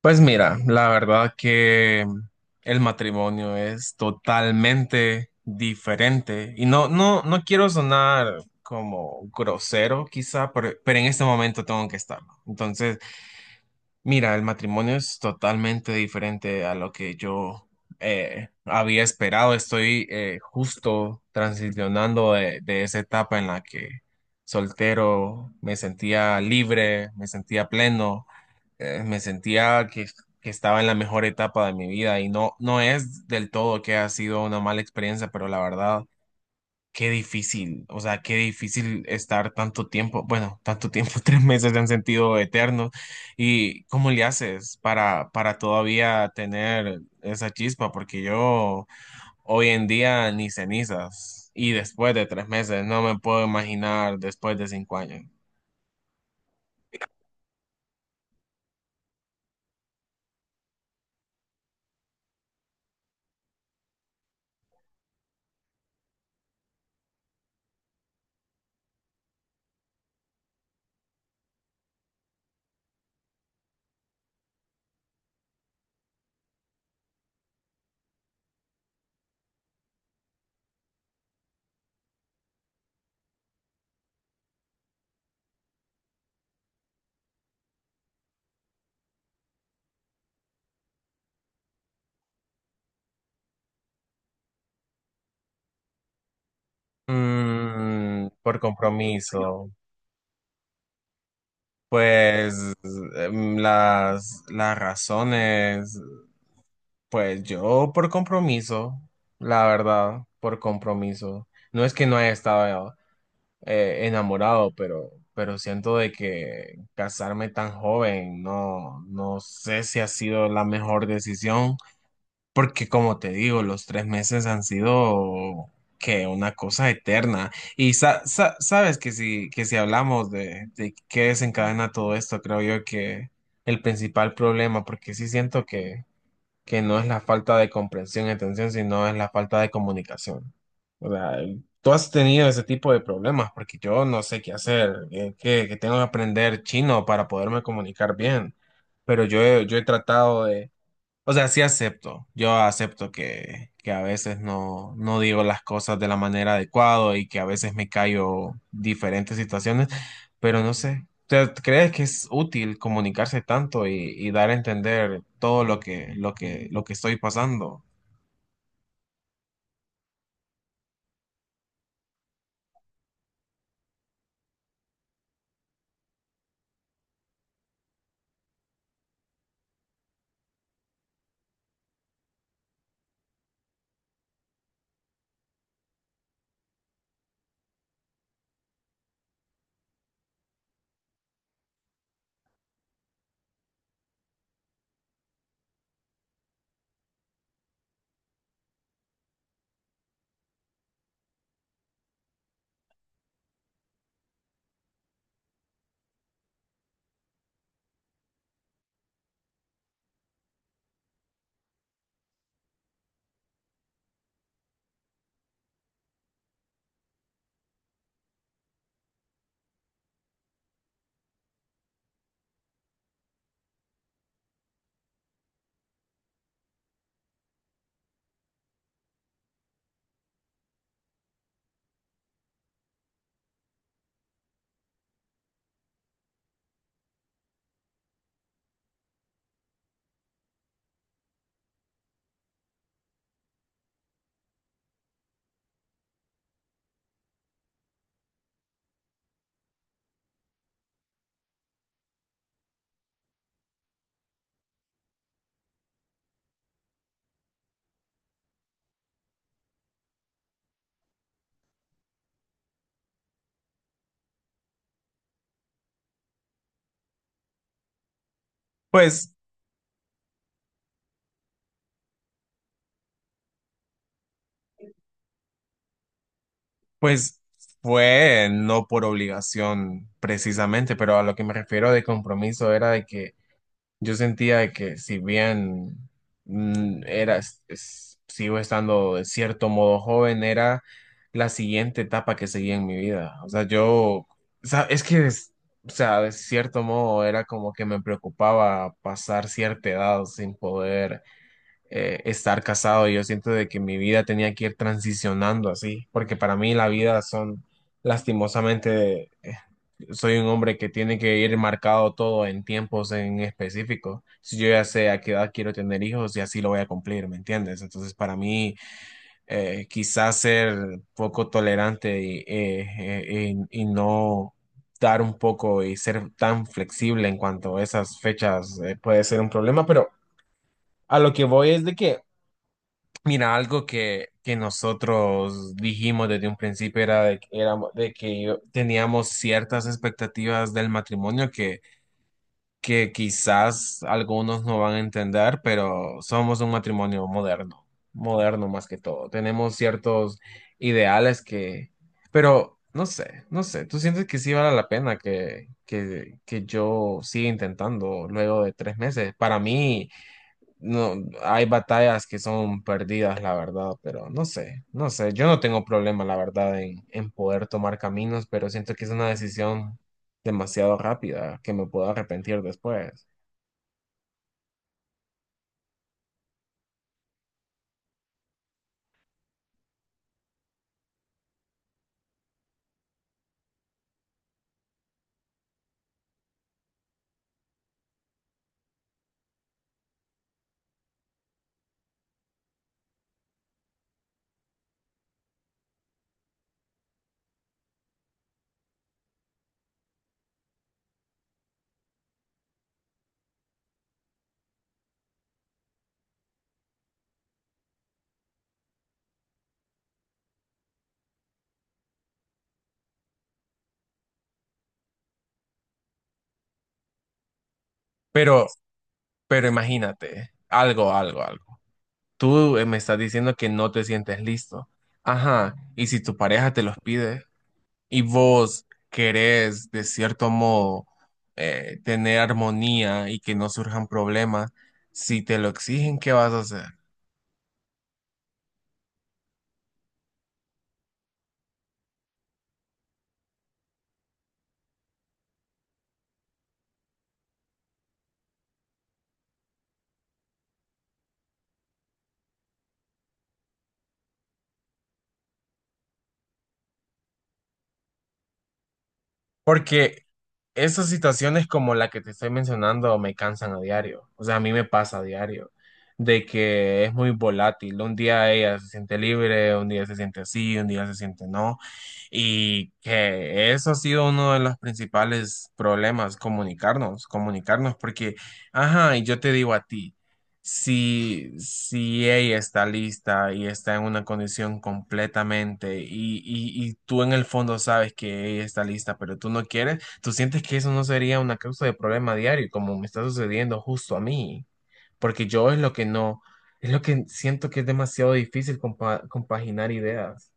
Pues mira, la verdad que el matrimonio es totalmente diferente y no quiero sonar como grosero quizá, pero en este momento tengo que estarlo. Entonces, mira, el matrimonio es totalmente diferente a lo que yo había esperado. Estoy justo transicionando de esa etapa en la que soltero me sentía libre, me sentía pleno me sentía que estaba en la mejor etapa de mi vida y no es del todo que ha sido una mala experiencia, pero la verdad, qué difícil, o sea, qué difícil estar tanto tiempo, bueno, tanto tiempo, 3 meses en sentido eterno. ¿Y cómo le haces para todavía tener esa chispa? Porque yo hoy en día ni cenizas. Y después de 3 meses, no me puedo imaginar después de 5 años. Mm, por compromiso, pues las razones, pues yo por compromiso, la verdad, por compromiso. No es que no haya estado enamorado, pero siento de que casarme tan joven, no sé si ha sido la mejor decisión. Porque como te digo, los 3 meses han sido que una cosa eterna. Y sabes que si hablamos de qué desencadena todo esto, creo yo que el principal problema, porque sí siento que no es la falta de comprensión y atención, sino es la falta de comunicación. O sea, tú has tenido ese tipo de problemas, porque yo no sé qué hacer, que tengo que aprender chino para poderme comunicar bien, pero yo he tratado de, o sea, sí acepto. Yo acepto que a veces no digo las cosas de la manera adecuada y que a veces me callo diferentes situaciones, pero no sé. ¿Crees que es útil comunicarse tanto y dar a entender todo lo que, lo que estoy pasando? Pues, pues fue no por obligación precisamente, pero a lo que me refiero de compromiso era de que yo sentía de que si bien sigo estando de cierto modo joven, era la siguiente etapa que seguía en mi vida. O sea, yo, o sea, es que, o sea, de cierto modo era como que me preocupaba pasar cierta edad sin poder estar casado. Yo siento de que mi vida tenía que ir transicionando así, porque para mí la vida son, lastimosamente, soy un hombre que tiene que ir marcado todo en tiempos en específico. Si yo ya sé a qué edad quiero tener hijos y así lo voy a cumplir, ¿me entiendes? Entonces, para mí, quizás ser poco tolerante y, y no dar un poco y ser tan flexible en cuanto a esas fechas, puede ser un problema, pero a lo que voy es de que mira, algo que nosotros dijimos desde un principio era de, que teníamos ciertas expectativas del matrimonio que quizás algunos no van a entender, pero somos un matrimonio moderno, moderno más que todo. Tenemos ciertos ideales que, pero no sé, no sé, ¿tú sientes que sí vale la pena que yo siga intentando luego de 3 meses? Para mí... No, hay batallas que son perdidas, la verdad, pero no sé, no sé. Yo no tengo problema, la verdad, en poder tomar caminos, pero siento que es una decisión demasiado rápida que me puedo arrepentir después. Pero, pero imagínate, algo, algo, algo. Tú me estás diciendo que no te sientes listo. Ajá, y si tu pareja te los pide y vos querés, de cierto modo, tener armonía y que no surjan problemas, si te lo exigen, ¿qué vas a hacer? Porque esas situaciones como la que te estoy mencionando me cansan a diario. O sea, a mí me pasa a diario. De que es muy volátil. Un día ella se siente libre, un día se siente así, un día se siente no. Y que eso ha sido uno de los principales problemas, comunicarnos, comunicarnos. Porque, ajá, y yo te digo a ti si ella está lista y está en una condición completamente y tú en el fondo sabes que ella está lista, pero tú no quieres, tú sientes que eso no sería una causa de problema diario, como me está sucediendo justo a mí, porque yo es lo que no, es lo que siento que es demasiado difícil compaginar ideas.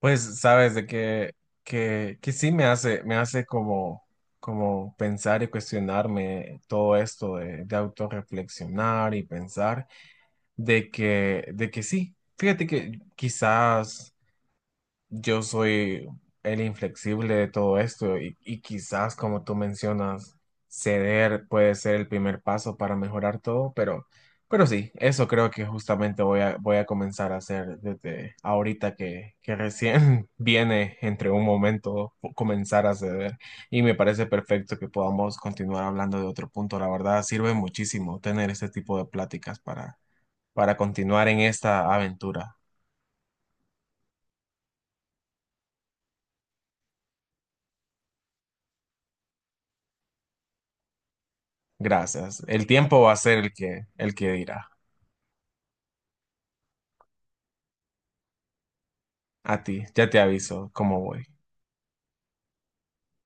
Pues sabes de que, que sí me hace como, como pensar y cuestionarme todo esto de autorreflexionar y pensar de que sí. Fíjate que quizás yo soy el inflexible de todo esto y quizás, como tú mencionas, ceder puede ser el primer paso para mejorar todo, pero sí, eso creo que justamente voy a comenzar a hacer desde ahorita que recién viene entre un momento comenzar a ceder y me parece perfecto que podamos continuar hablando de otro punto. La verdad, sirve muchísimo tener este tipo de pláticas para continuar en esta aventura. Gracias. El tiempo va a ser el que dirá. A ti, ya te aviso cómo voy.